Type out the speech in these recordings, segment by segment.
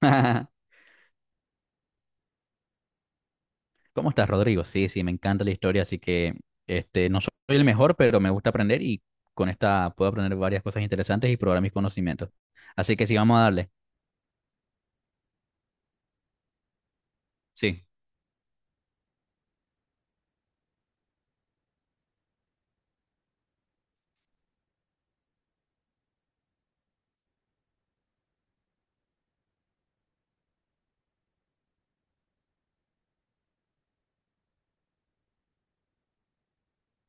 ¿Cómo estás, Rodrigo? Sí, sí, me encanta la historia, así que este, no soy el mejor, pero me gusta aprender y con esta puedo aprender varias cosas interesantes y probar mis conocimientos. Así que sí, vamos a darle. Sí,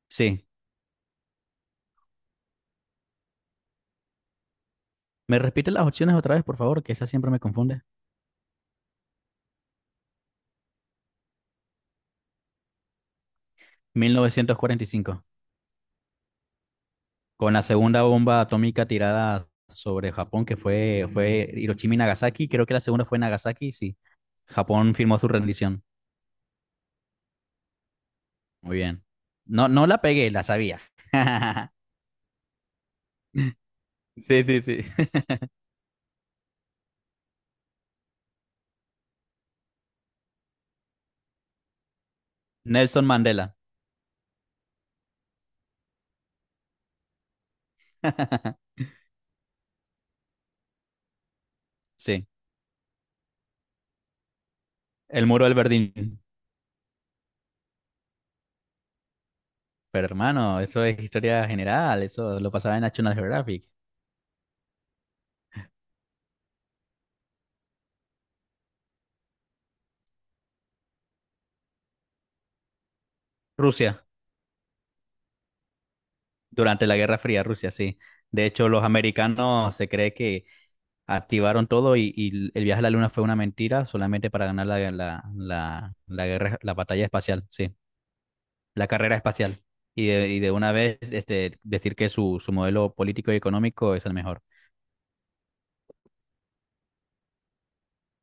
sí. ¿Me repite las opciones otra vez, por favor? Que esa siempre me confunde. 1945, con la segunda bomba atómica tirada sobre Japón, que fue Hiroshima y Nagasaki. Creo que la segunda fue Nagasaki, sí. Japón firmó su rendición. Muy bien. No, no la pegué, la sabía. Sí, sí, sí. Nelson Mandela. Sí, el muro del Berlín. Pero hermano, eso es historia general, eso lo pasaba en National Geographic. Rusia, durante la Guerra Fría, Rusia, sí. De hecho, los americanos se cree que activaron todo y el viaje a la Luna fue una mentira solamente para ganar la guerra, la batalla espacial, sí, la carrera espacial. Y de una vez este, decir que su modelo político y económico es el mejor.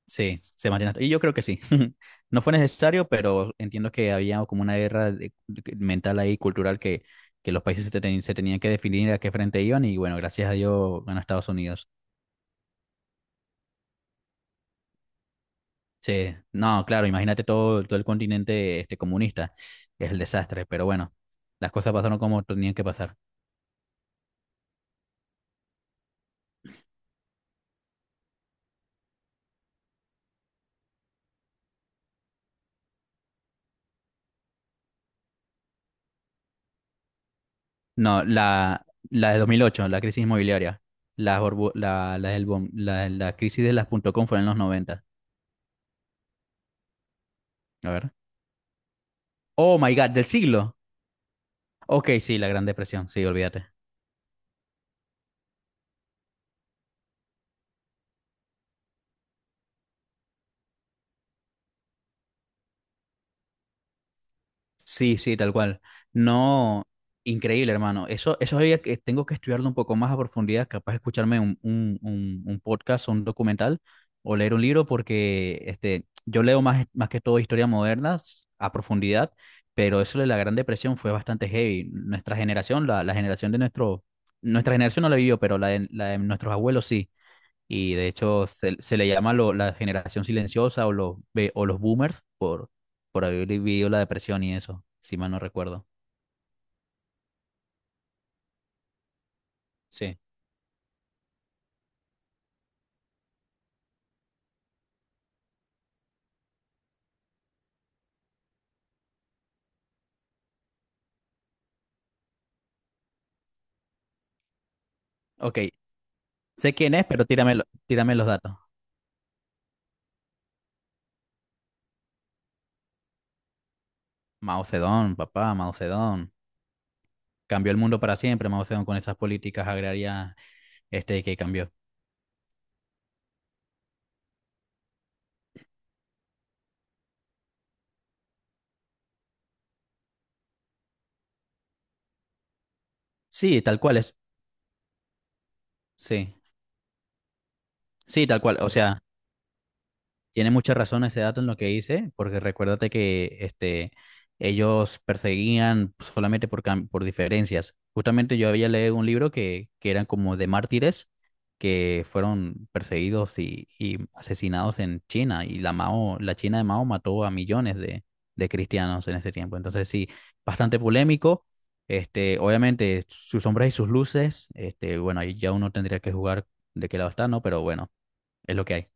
Sí, se mantiene. Y yo creo que sí. No fue necesario, pero entiendo que había como una guerra mental ahí, cultural, que los países se tenían que definir a qué frente iban y bueno, gracias a Dios ganó Estados Unidos. Sí, no, claro, imagínate todo el continente este, comunista. Es el desastre, pero bueno, las cosas pasaron como tenían que pasar. No, la de 2008, la crisis inmobiliaria, la, borbu- la, del bom- la crisis de las punto .com fue en los 90. A ver. Oh my God, del siglo. Ok, sí, la Gran Depresión, sí, olvídate. Sí, sí, tal cual. No, increíble, hermano. Eso tengo que estudiarlo un poco más a profundidad, capaz de escucharme un podcast o un documental o leer un libro, porque este, yo leo más, más que todo historia moderna a profundidad, pero eso de la Gran Depresión fue bastante heavy. La nuestra generación no la vivió, pero la de nuestros abuelos sí. Y de hecho se le llama la generación silenciosa o o los boomers por haber vivido la depresión y eso, si mal no recuerdo. Sí. Ok, sé quién es, pero tírame los datos. Mao Zedong, papá, Mao Zedong. Cambió el mundo para siempre, Mao Zedong, con esas políticas agrarias este, que cambió. Sí, tal cual es. Sí, sí, tal cual. O sea, tiene mucha razón ese dato en lo que dice, porque recuérdate que este, ellos perseguían solamente por diferencias. Justamente yo había leído un libro que eran como de mártires que fueron perseguidos y asesinados en China, y Mao, la China de Mao mató a millones de cristianos en ese tiempo. Entonces sí, bastante polémico. Este, obviamente, sus sombras y sus luces, este, bueno, ahí ya uno tendría que jugar de qué lado está, ¿no? Pero bueno, es lo que hay.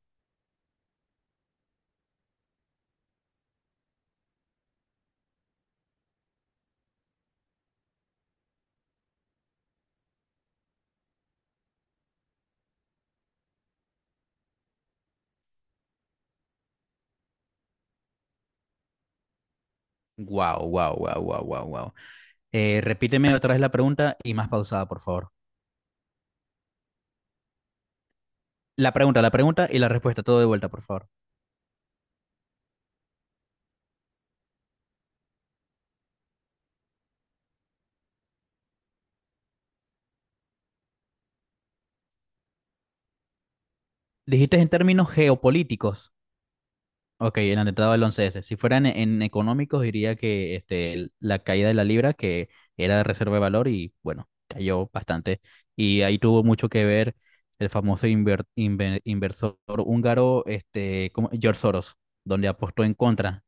Wow, wow, wow, wow, wow, wow. Repíteme otra vez la pregunta y más pausada, por favor. La pregunta y la respuesta, todo de vuelta, por favor. Dijiste en términos geopolíticos. Ok, el atentado del 11S. Si fueran en económicos, diría que este, la caída de la libra, que era de reserva de valor y bueno, cayó bastante. Y ahí tuvo mucho que ver el famoso inversor húngaro, este, ¿cómo? George Soros, donde apostó en contra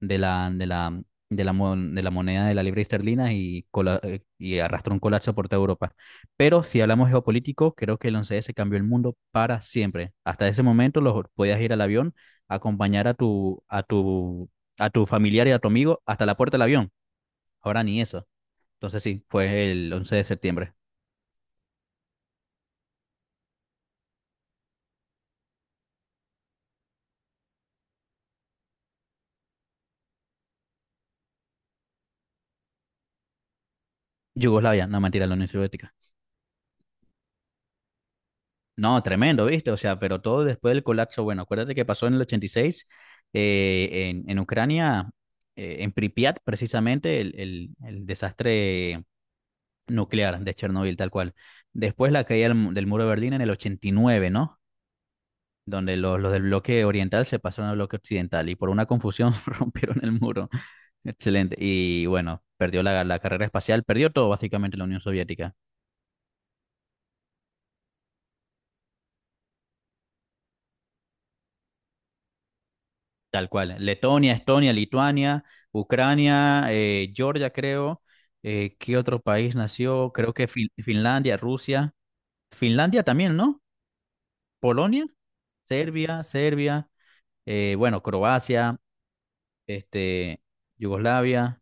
de la, de la, de la moneda de la libra esterlina y arrastró un colapso por toda Europa. Pero si hablamos geopolítico, creo que el 11S cambió el mundo para siempre. Hasta ese momento podías ir al avión, acompañar a tu familiar y a tu amigo hasta la puerta del avión. Ahora ni eso. Entonces sí, fue el 11 de septiembre. Yugoslavia, no mentira, la Unión Soviética. No, tremendo, ¿viste? O sea, pero todo después del colapso. Bueno, acuérdate que pasó en el 86 en Ucrania, en Pripyat, precisamente, el desastre nuclear de Chernobyl, tal cual. Después la caída del muro de Berlín en el 89, ¿no? Donde los del bloque oriental se pasaron al bloque occidental y por una confusión rompieron el muro. Excelente. Y bueno, perdió la carrera espacial, perdió todo básicamente la Unión Soviética. Tal cual. Letonia, Estonia, Lituania, Ucrania, Georgia, creo. ¿Qué otro país nació? Creo que Finlandia, Rusia. Finlandia también, ¿no? Polonia, Serbia, Serbia. Bueno, Croacia, este, Yugoslavia.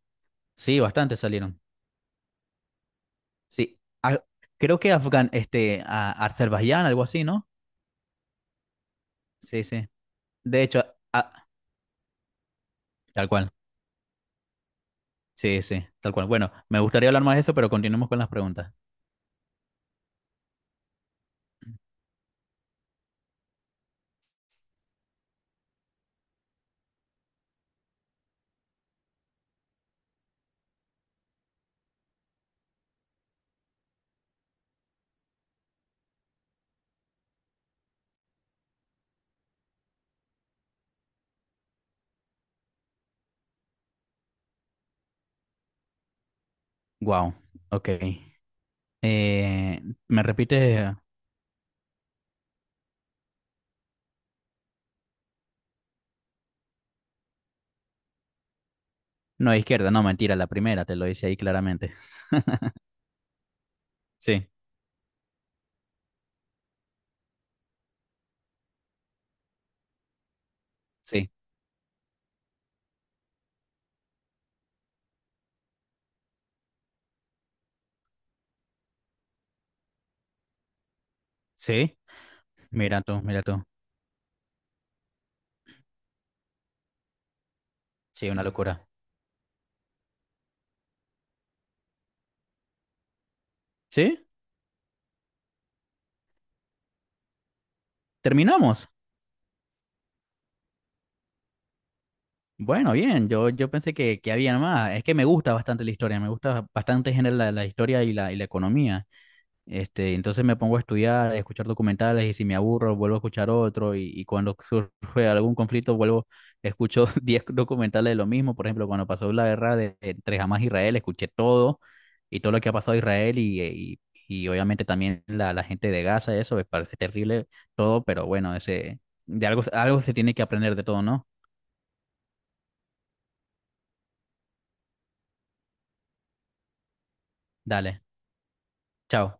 Sí, bastante salieron. Sí. Ah, creo que este, Azerbaiyán, algo así, ¿no? Sí, sí. De hecho, ah, tal cual. Sí, sí, tal cual. Bueno, me gustaría hablar más de eso, pero continuemos con las preguntas. Wow. Ok. Eh, me repite, no, izquierda, no, mentira, la primera, te lo hice ahí claramente. Sí, sí, sí. Mira tú, mira tú. Sí, una locura. ¿Sí? ¿Terminamos? Bueno, bien, yo pensé que había más. Es que me gusta bastante la historia, me gusta bastante en general la historia y la economía. Este, entonces me pongo a estudiar, a escuchar documentales y si me aburro vuelvo a escuchar otro y cuando surge algún conflicto vuelvo, escucho 10 documentales de lo mismo. Por ejemplo, cuando pasó la guerra entre Hamas e Israel, escuché todo y todo lo que ha pasado a Israel y obviamente también la gente de Gaza, eso me parece terrible todo, pero bueno, ese, algo se tiene que aprender de todo, ¿no? Dale, chao.